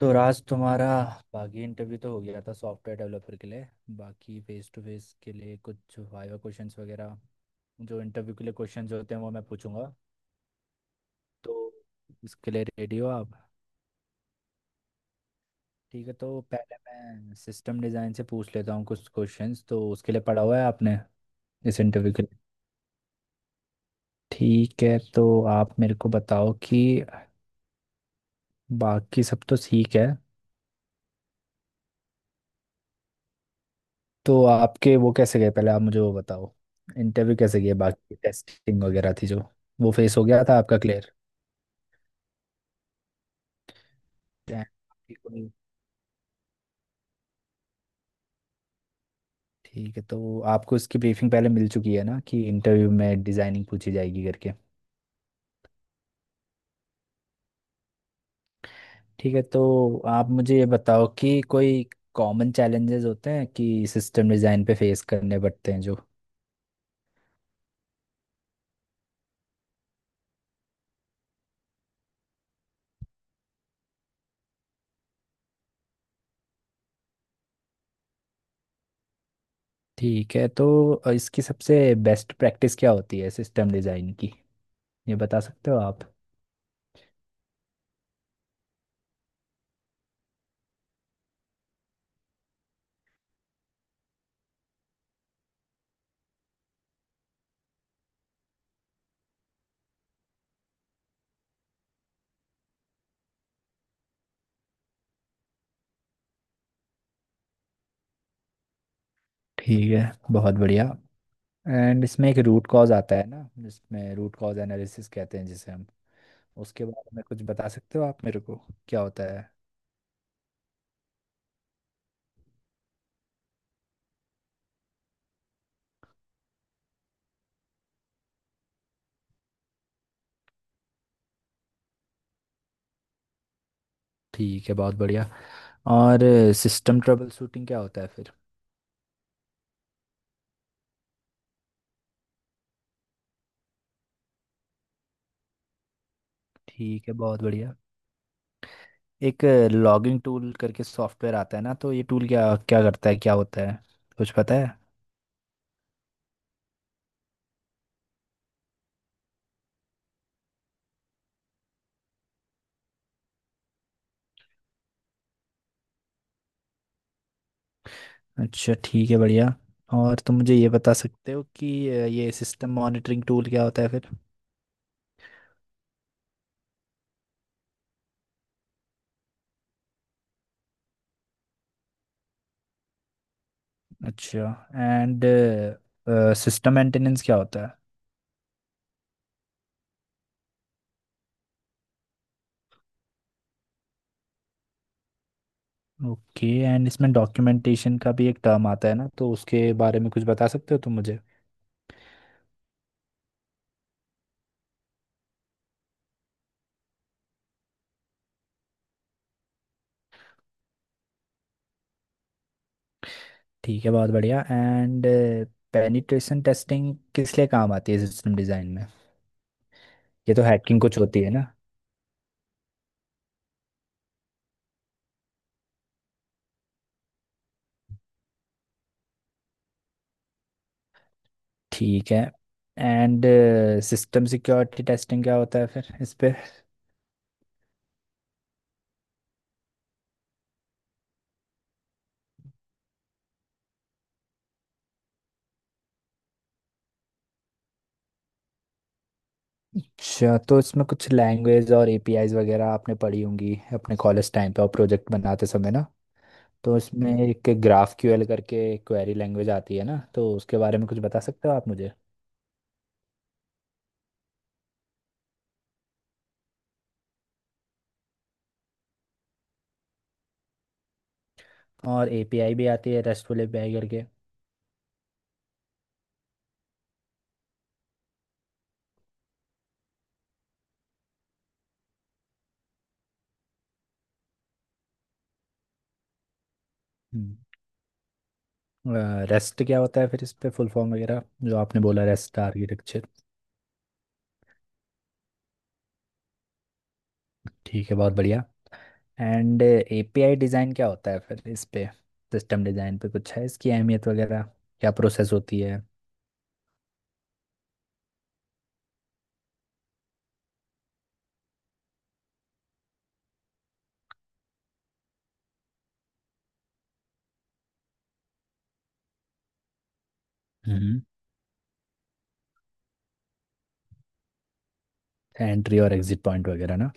तो राज तुम्हारा बाकी इंटरव्यू तो हो गया था सॉफ्टवेयर डेवलपर के लिए। बाकी फेस टू फेस के लिए कुछ वाइवा क्वेश्चंस वगैरह, जो इंटरव्यू के लिए क्वेश्चंस होते हैं वो मैं पूछूंगा। तो इसके लिए रेडी हो आप? ठीक है, तो पहले मैं सिस्टम डिज़ाइन से पूछ लेता हूँ कुछ क्वेश्चंस, तो उसके लिए पढ़ा हुआ है आपने इस इंटरव्यू के लिए? ठीक है, तो आप मेरे को बताओ कि बाकी सब तो ठीक है, तो आपके वो कैसे गए, पहले आप मुझे वो बताओ। इंटरव्यू कैसे गए, बाकी टेस्टिंग वगैरह थी जो, वो फेस हो गया था आपका क्लियर? ठीक है, तो आपको इसकी ब्रीफिंग पहले मिल चुकी है ना कि इंटरव्यू में डिजाइनिंग पूछी जाएगी करके। ठीक है, तो आप मुझे ये बताओ कि कोई कॉमन चैलेंजेस होते हैं कि सिस्टम डिजाइन पे फेस करने पड़ते हैं जो? ठीक है, तो इसकी सबसे बेस्ट प्रैक्टिस क्या होती है सिस्टम डिजाइन की, ये बता सकते हो आप? ठीक है, बहुत बढ़िया। एंड इसमें एक रूट कॉज आता है ना, जिसमें रूट कॉज एनालिसिस कहते हैं जिसे हम, उसके बारे में कुछ बता सकते हो आप मेरे को, क्या होता है? ठीक है, बहुत बढ़िया। और सिस्टम ट्रबल शूटिंग क्या होता है फिर? ठीक है, बहुत बढ़िया। एक लॉगिंग टूल करके सॉफ्टवेयर आता है ना, तो ये टूल क्या क्या करता है, क्या होता है, कुछ पता है? अच्छा, ठीक है, बढ़िया। और तुम मुझे ये बता सकते हो कि ये सिस्टम मॉनिटरिंग टूल क्या होता है फिर? अच्छा, एंड सिस्टम मेंटेनेंस क्या होता है? ओके, एंड इसमें डॉक्यूमेंटेशन का भी एक टर्म आता है ना, तो उसके बारे में कुछ बता सकते हो तुम मुझे? ठीक है, बहुत बढ़िया। एंड पेनिट्रेशन टेस्टिंग किस लिए काम आती है सिस्टम डिज़ाइन में, ये तो हैकिंग कुछ होती है ना? ठीक है, एंड सिस्टम सिक्योरिटी टेस्टिंग क्या होता है फिर इस पे? अच्छा, तो इसमें कुछ लैंग्वेज और एपीआईज वगैरह आपने पढ़ी होंगी अपने कॉलेज टाइम पे और प्रोजेक्ट बनाते समय ना। तो इसमें एक ग्राफ क्यूएल करके क्वेरी लैंग्वेज आती है ना, तो उसके बारे में कुछ बता सकते हो आप मुझे? और एपीआई भी आती है रेस्टफुल एपीआई करके। रेस्ट क्या होता है फिर इस पे, फुल फॉर्म वगैरह, जो आपने बोला रेस्ट आर्किटेक्चर? ठीक है, बहुत बढ़िया। एंड एपीआई डिज़ाइन क्या होता है फिर इस पे, सिस्टम डिज़ाइन पे कुछ है इसकी अहमियत वगैरह, क्या प्रोसेस होती है? हम्म। एंट्री और एग्जिट पॉइंट वगैरह ना।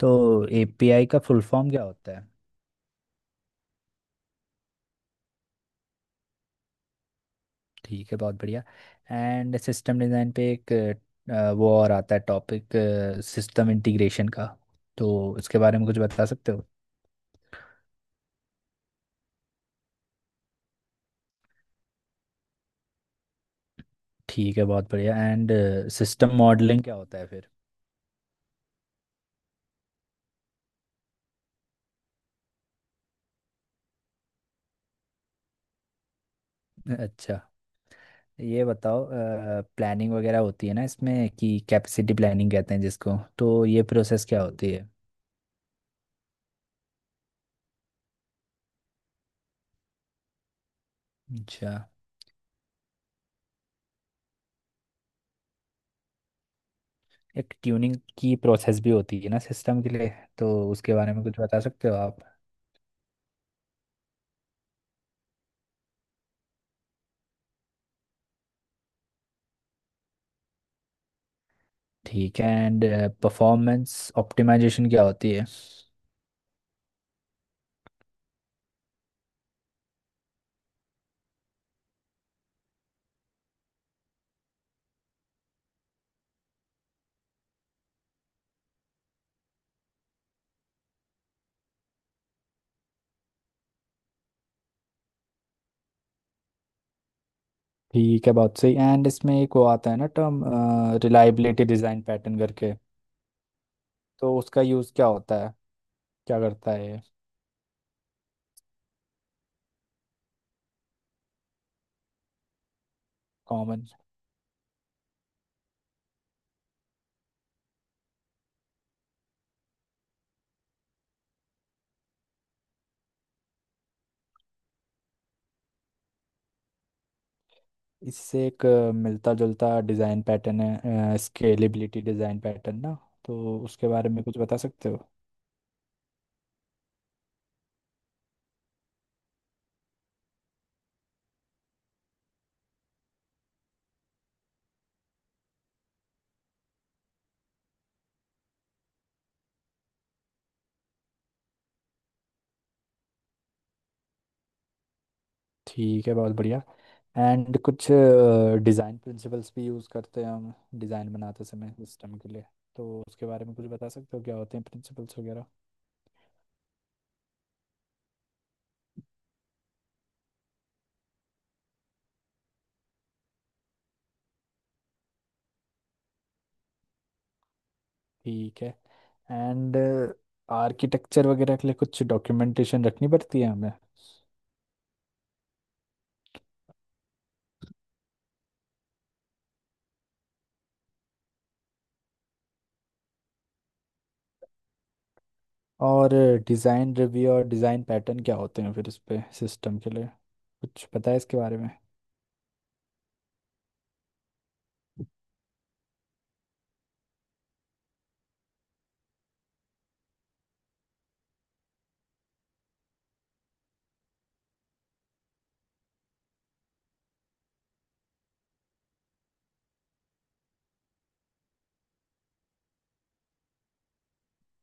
तो एपीआई का फुल फॉर्म क्या होता है? ठीक है, बहुत बढ़िया। एंड सिस्टम डिज़ाइन पे एक वो और आता है टॉपिक, सिस्टम इंटीग्रेशन का, तो इसके बारे में कुछ बता सकते हो? ठीक है, बहुत बढ़िया। एंड सिस्टम मॉडलिंग क्या होता है फिर? अच्छा, ये बताओ, प्लानिंग वगैरह होती है ना इसमें कि कैपेसिटी प्लानिंग कहते हैं जिसको, तो ये प्रोसेस क्या होती है? अच्छा, एक ट्यूनिंग की प्रोसेस भी होती है ना सिस्टम के लिए, तो उसके बारे में कुछ बता सकते हो आप? ठीक है, एंड परफॉर्मेंस ऑप्टिमाइजेशन क्या होती है? ठीक है, बहुत सही। एंड इसमें एक वो आता है ना टर्म, रिलायबिलिटी डिज़ाइन पैटर्न करके, तो उसका यूज़ क्या होता है, क्या करता है ये? कॉमन। इससे एक मिलता जुलता डिज़ाइन पैटर्न है, स्केलेबिलिटी डिज़ाइन पैटर्न ना, तो उसके बारे में कुछ बता सकते हो? ठीक है, बहुत बढ़िया। एंड कुछ डिज़ाइन प्रिंसिपल्स भी यूज़ करते हैं हम डिज़ाइन बनाते समय सिस्टम के लिए, तो उसके बारे में कुछ बता सकते हो, क्या होते हैं प्रिंसिपल्स वगैरह? ठीक है, एंड आर्किटेक्चर वगैरह के लिए कुछ डॉक्यूमेंटेशन रखनी पड़ती है हमें। और डिज़ाइन रिव्यू और डिज़ाइन पैटर्न क्या होते हैं फिर इस पे सिस्टम के लिए, कुछ पता है इसके बारे में?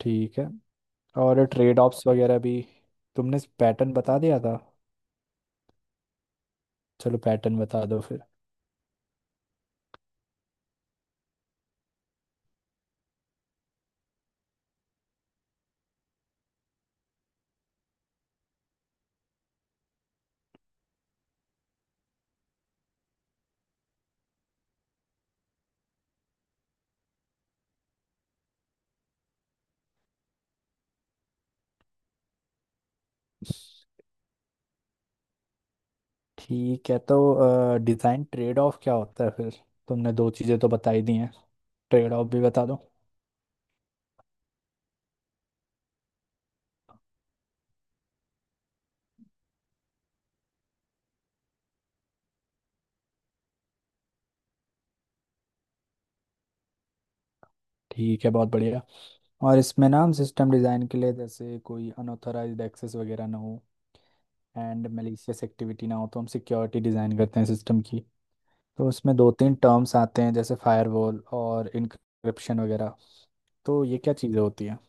ठीक है। और ट्रेड ऑफ्स वगैरह भी, तुमने पैटर्न बता दिया था? चलो, पैटर्न बता दो फिर। ठीक है, तो डिज़ाइन ट्रेड ऑफ क्या होता है फिर? तुमने दो चीज़ें तो बता ही दी हैं, ट्रेड ऑफ भी बता दो। ठीक है, बहुत बढ़िया। और इसमें ना, हम सिस्टम डिज़ाइन के लिए जैसे कोई अनऑथराइज्ड एक्सेस वगैरह ना हो, एंड मैलिशियस एक्टिविटी ना हो, तो हम सिक्योरिटी डिज़ाइन करते हैं सिस्टम की। तो उसमें दो तीन टर्म्स आते हैं जैसे फायरवॉल और इनक्रिप्शन वगैरह, तो ये क्या चीज़ें होती हैं?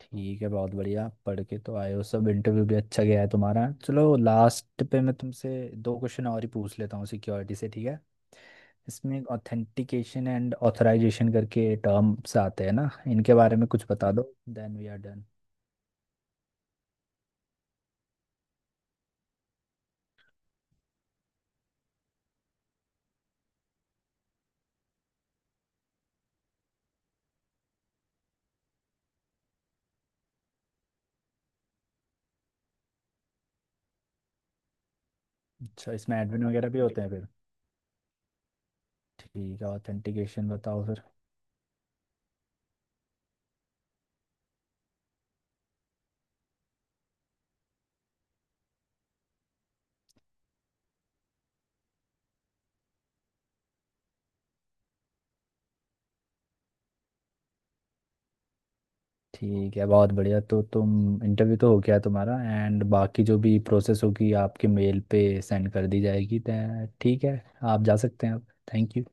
ठीक है, बहुत बढ़िया। पढ़ के तो आए हो सब, इंटरव्यू भी अच्छा गया है तुम्हारा। चलो, लास्ट पे मैं तुमसे दो क्वेश्चन और ही पूछ लेता हूँ सिक्योरिटी से, ठीक है? इसमें एक ऑथेंटिकेशन एंड ऑथराइजेशन करके टर्म्स आते हैं ना, इनके बारे में कुछ बता दो, देन वी आर डन। अच्छा, इसमें एडमिन वगैरह भी होते हैं फिर? ठीक है, ऑथेंटिकेशन बताओ फिर। ठीक है, बहुत बढ़िया। तो तुम इंटरव्यू तो हो गया तुम्हारा, एंड बाकी जो भी प्रोसेस होगी आपके मेल पे सेंड कर दी जाएगी ठीक है? आप जा सकते हैं अब। Thank you.